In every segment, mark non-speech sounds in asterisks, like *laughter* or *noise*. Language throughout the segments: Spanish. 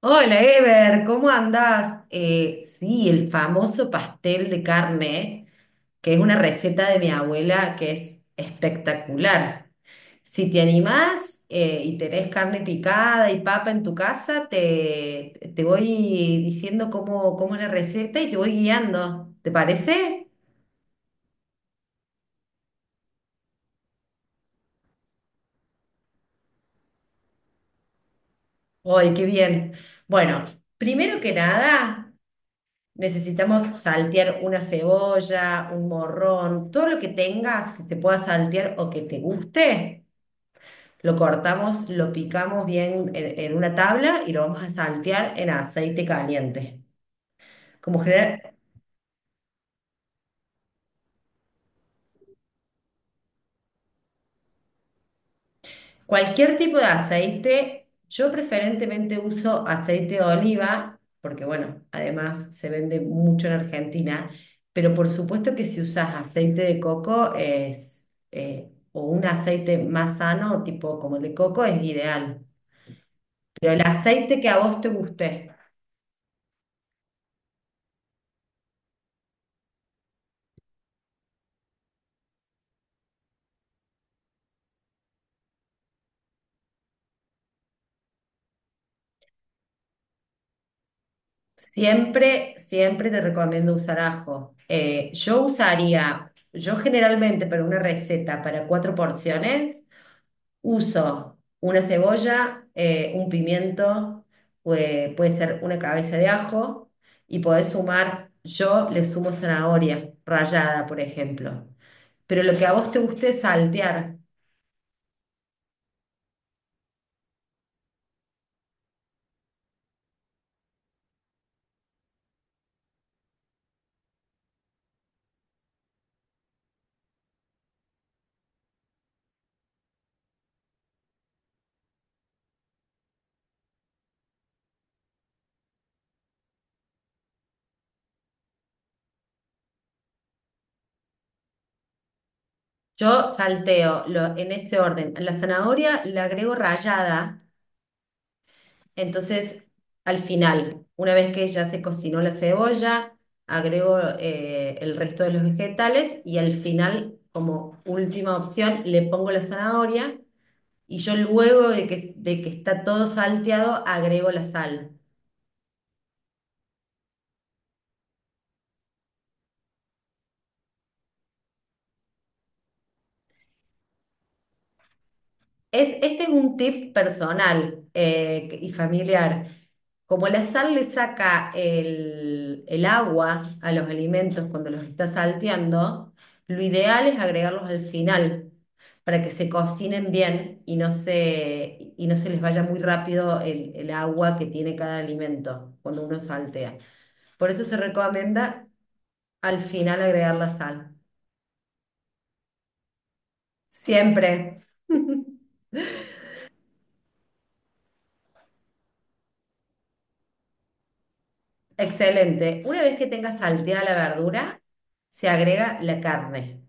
Hola Ever, ¿cómo andás? Sí, el famoso pastel de carne, que es una receta de mi abuela que es espectacular. Si te animás y tenés carne picada y papa en tu casa, te voy diciendo cómo es la receta y te voy guiando. ¿Te parece? ¡Ay, qué bien! Bueno, primero que nada. Necesitamos saltear una cebolla, un morrón, todo lo que tengas que se pueda saltear o que te guste, lo cortamos, lo picamos bien en una tabla y lo vamos a saltear en aceite caliente. Como generar. Cualquier tipo de aceite, yo preferentemente uso aceite de oliva, porque bueno, además se vende mucho en Argentina, pero por supuesto que si usas aceite de coco es, o un aceite más sano, tipo como el de coco, es ideal. Pero el aceite que a vos te guste, siempre, siempre te recomiendo usar ajo. Yo usaría, yo generalmente para una receta para cuatro porciones, uso una cebolla, un pimiento, puede ser una cabeza de ajo y podés sumar, yo le sumo zanahoria rallada, por ejemplo. Pero lo que a vos te guste es saltear. Yo salteo en ese orden. La zanahoria la agrego rallada, entonces al final, una vez que ya se cocinó la cebolla, agrego el resto de los vegetales y al final, como última opción, le pongo la zanahoria. Y yo luego de que está todo salteado, agrego la sal. Este es un tip personal y familiar. Como la sal le saca el agua a los alimentos cuando los está salteando, lo ideal es agregarlos al final para que se cocinen bien y no se les vaya muy rápido el agua que tiene cada alimento cuando uno saltea. Por eso se recomienda al final agregar la sal. Siempre. *laughs* Excelente. Una vez que tengas salteada la verdura, se agrega la carne.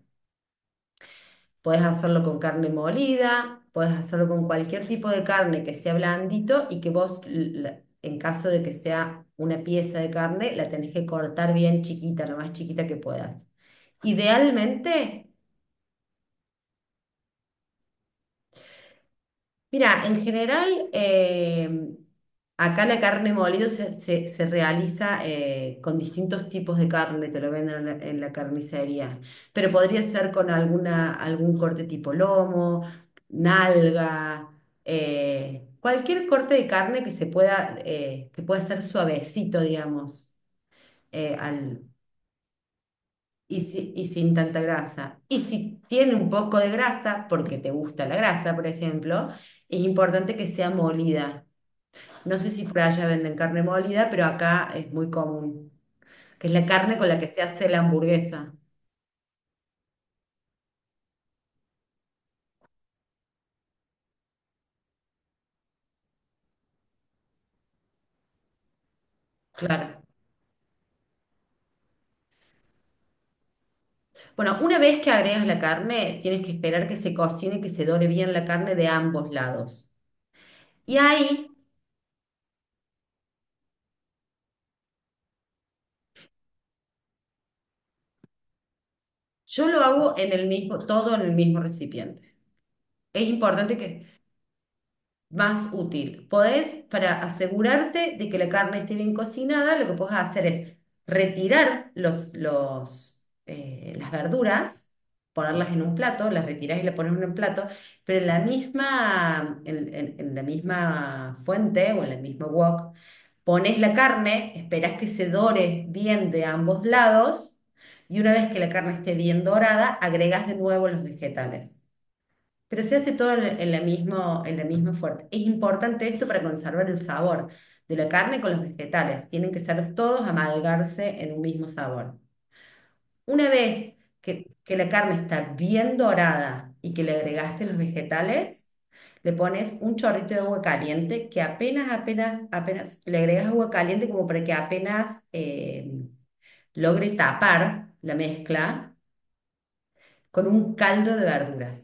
Puedes hacerlo con carne molida, puedes hacerlo con cualquier tipo de carne que sea blandito y que vos, en caso de que sea una pieza de carne, la tenés que cortar bien chiquita, lo más chiquita que puedas. Idealmente. Mira, en general, acá la carne molida se realiza con distintos tipos de carne, te lo venden en la carnicería, pero podría ser con algún corte tipo lomo, nalga, cualquier corte de carne que se pueda, que pueda ser suavecito, digamos, eh, al- y sin tanta grasa. Y si tiene un poco de grasa, porque te gusta la grasa, por ejemplo, es importante que sea molida. No sé si por allá venden carne molida, pero acá es muy común, que es la carne con la que se hace la hamburguesa. Claro. Bueno, una vez que agregas la carne, tienes que esperar que se cocine y que se dore bien la carne de ambos lados. Y ahí yo lo hago en el mismo, todo en el mismo recipiente. Es importante que más útil. Podés, para asegurarte de que la carne esté bien cocinada, lo que podés hacer es retirar las verduras, ponerlas en un plato, las retirás y las pones en un plato, pero en la misma, en la misma fuente o en el mismo wok, pones la carne, esperás que se dore bien de ambos lados. Y una vez que la carne esté bien dorada, agregás de nuevo los vegetales. Pero se hace todo en la mismo, en la misma fuerte. Es importante esto para conservar el sabor de la carne con los vegetales. Tienen que ser todos amalgarse en un mismo sabor. Una vez que la carne está bien dorada y que le agregaste los vegetales, le pones un chorrito de agua caliente que apenas, apenas, apenas, le agregas agua caliente como para que apenas logre tapar la mezcla con un caldo de verduras.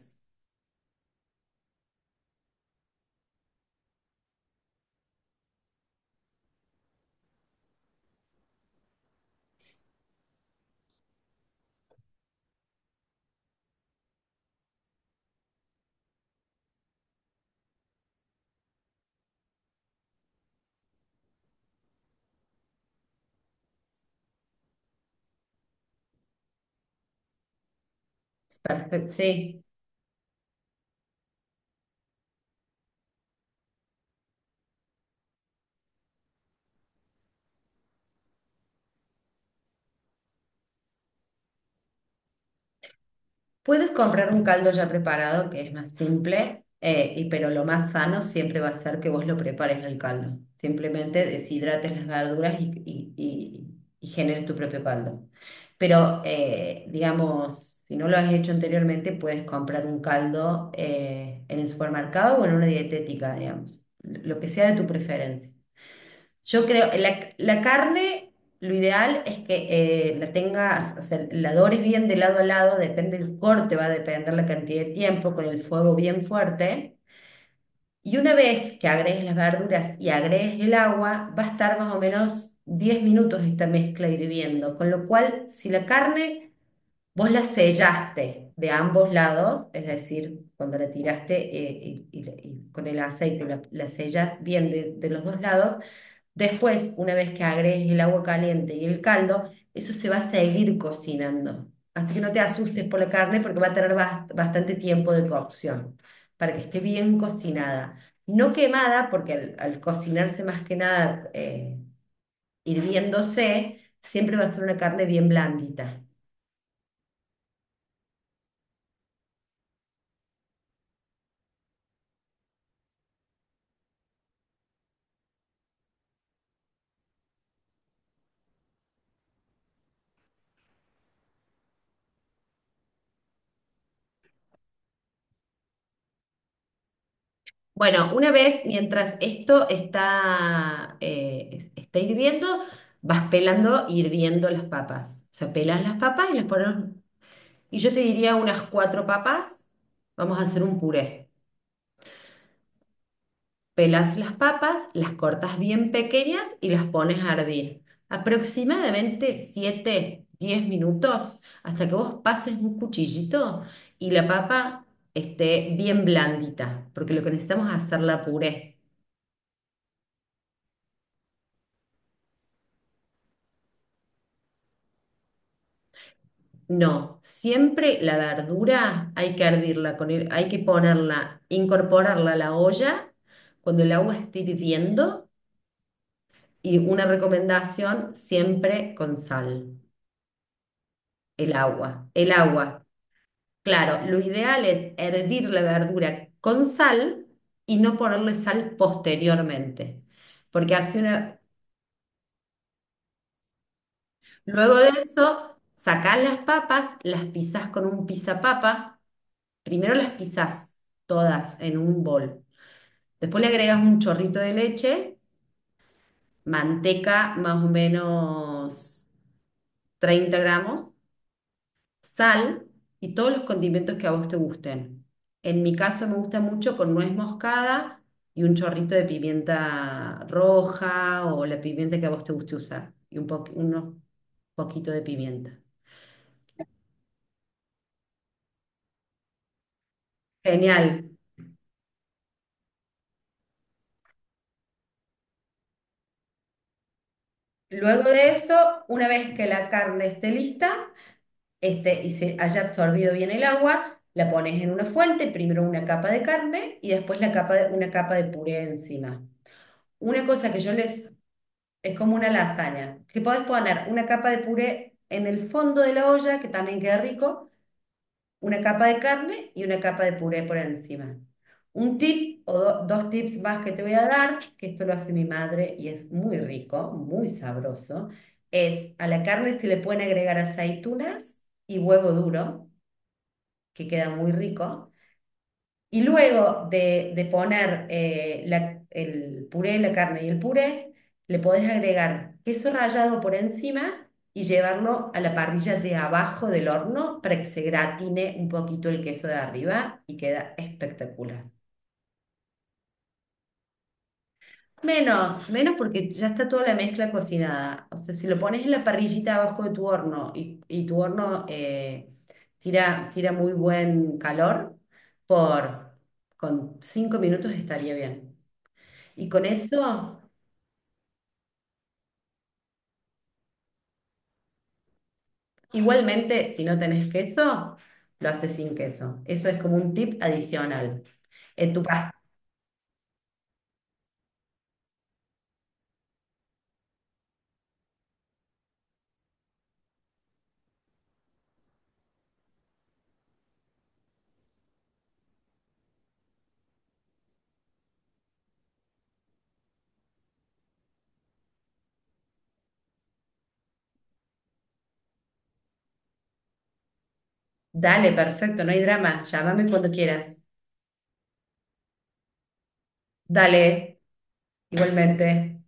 Perfecto, sí. Puedes comprar un caldo ya preparado que es más simple, y, pero lo más sano siempre va a ser que vos lo prepares el caldo. Simplemente deshidrates las verduras y generes tu propio caldo. Pero, digamos, si no lo has hecho anteriormente, puedes comprar un caldo en el supermercado o en una dietética, digamos, lo que sea de tu preferencia. Yo creo, la carne, lo ideal es que la tengas, o sea, la dores bien de lado a lado, depende del corte, va a depender la cantidad de tiempo, con el fuego bien fuerte. Y una vez que agregues las verduras y agregues el agua, va a estar más o menos 10 minutos esta mezcla hirviendo. Con lo cual, si la carne vos la sellaste de ambos lados, es decir, cuando la tiraste y, y- con el aceite la sellas bien de los dos lados. Después, una vez que agregues el agua caliente y el caldo, eso se va a seguir cocinando. Así que no te asustes por la carne porque va a tener bastante tiempo de cocción para que esté bien cocinada. No quemada, porque al cocinarse más que nada hirviéndose, siempre va a ser una carne bien blandita. Bueno, una vez mientras esto está, está hirviendo, vas pelando y hirviendo las papas. O sea, pelas las papas y las pones. Y yo te diría unas cuatro papas. Vamos a hacer un puré. Pelas las papas, las cortas bien pequeñas y las pones a hervir. Aproximadamente 7 10 minutos hasta que vos pases un cuchillito y la papa esté bien blandita, porque lo que necesitamos es hacerla puré. No, siempre la verdura hay que hervirla, hay que ponerla, incorporarla a la olla cuando el agua esté hirviendo. Y una recomendación siempre con sal, el agua. El agua, claro, lo ideal es hervir la verdura con sal y no ponerle sal posteriormente. Porque hace una... Luego de eso, sacás las papas, las pisás con un pisapapa. Primero las pisás todas en un bol. Después le agregas un chorrito de leche, manteca más o menos 30 gramos, sal y todos los condimentos que a vos te gusten. En mi caso me gusta mucho con nuez moscada y un chorrito de pimienta roja o la pimienta que a vos te guste usar y unos poquito de pimienta. Genial. Luego de esto, una vez que la carne esté lista, y se haya absorbido bien el agua, la pones en una fuente, primero una capa de carne y después una capa de puré encima. Una cosa que yo les. Es como una lasaña, que podés poner una capa de puré en el fondo de la olla, que también queda rico, una capa de carne y una capa de puré por encima. Un tip o dos tips más que te voy a dar, que esto lo hace mi madre y es muy rico, muy sabroso, es a la carne se le pueden agregar aceitunas y huevo duro, que queda muy rico. Y luego de poner el puré, la carne y el puré, le podés agregar queso rallado por encima y llevarlo a la parrilla de abajo del horno para que se gratine un poquito el queso de arriba y queda espectacular. Menos, menos porque ya está toda la mezcla cocinada. O sea, si lo pones en la parrillita abajo de tu horno y tu horno tira, tira muy buen calor, por, con 5 minutos estaría bien. Y con eso, igualmente, si no tenés queso, lo haces sin queso. Eso es como un tip adicional. En tu pas. Dale, perfecto, no hay drama. Llámame cuando quieras. Dale, igualmente.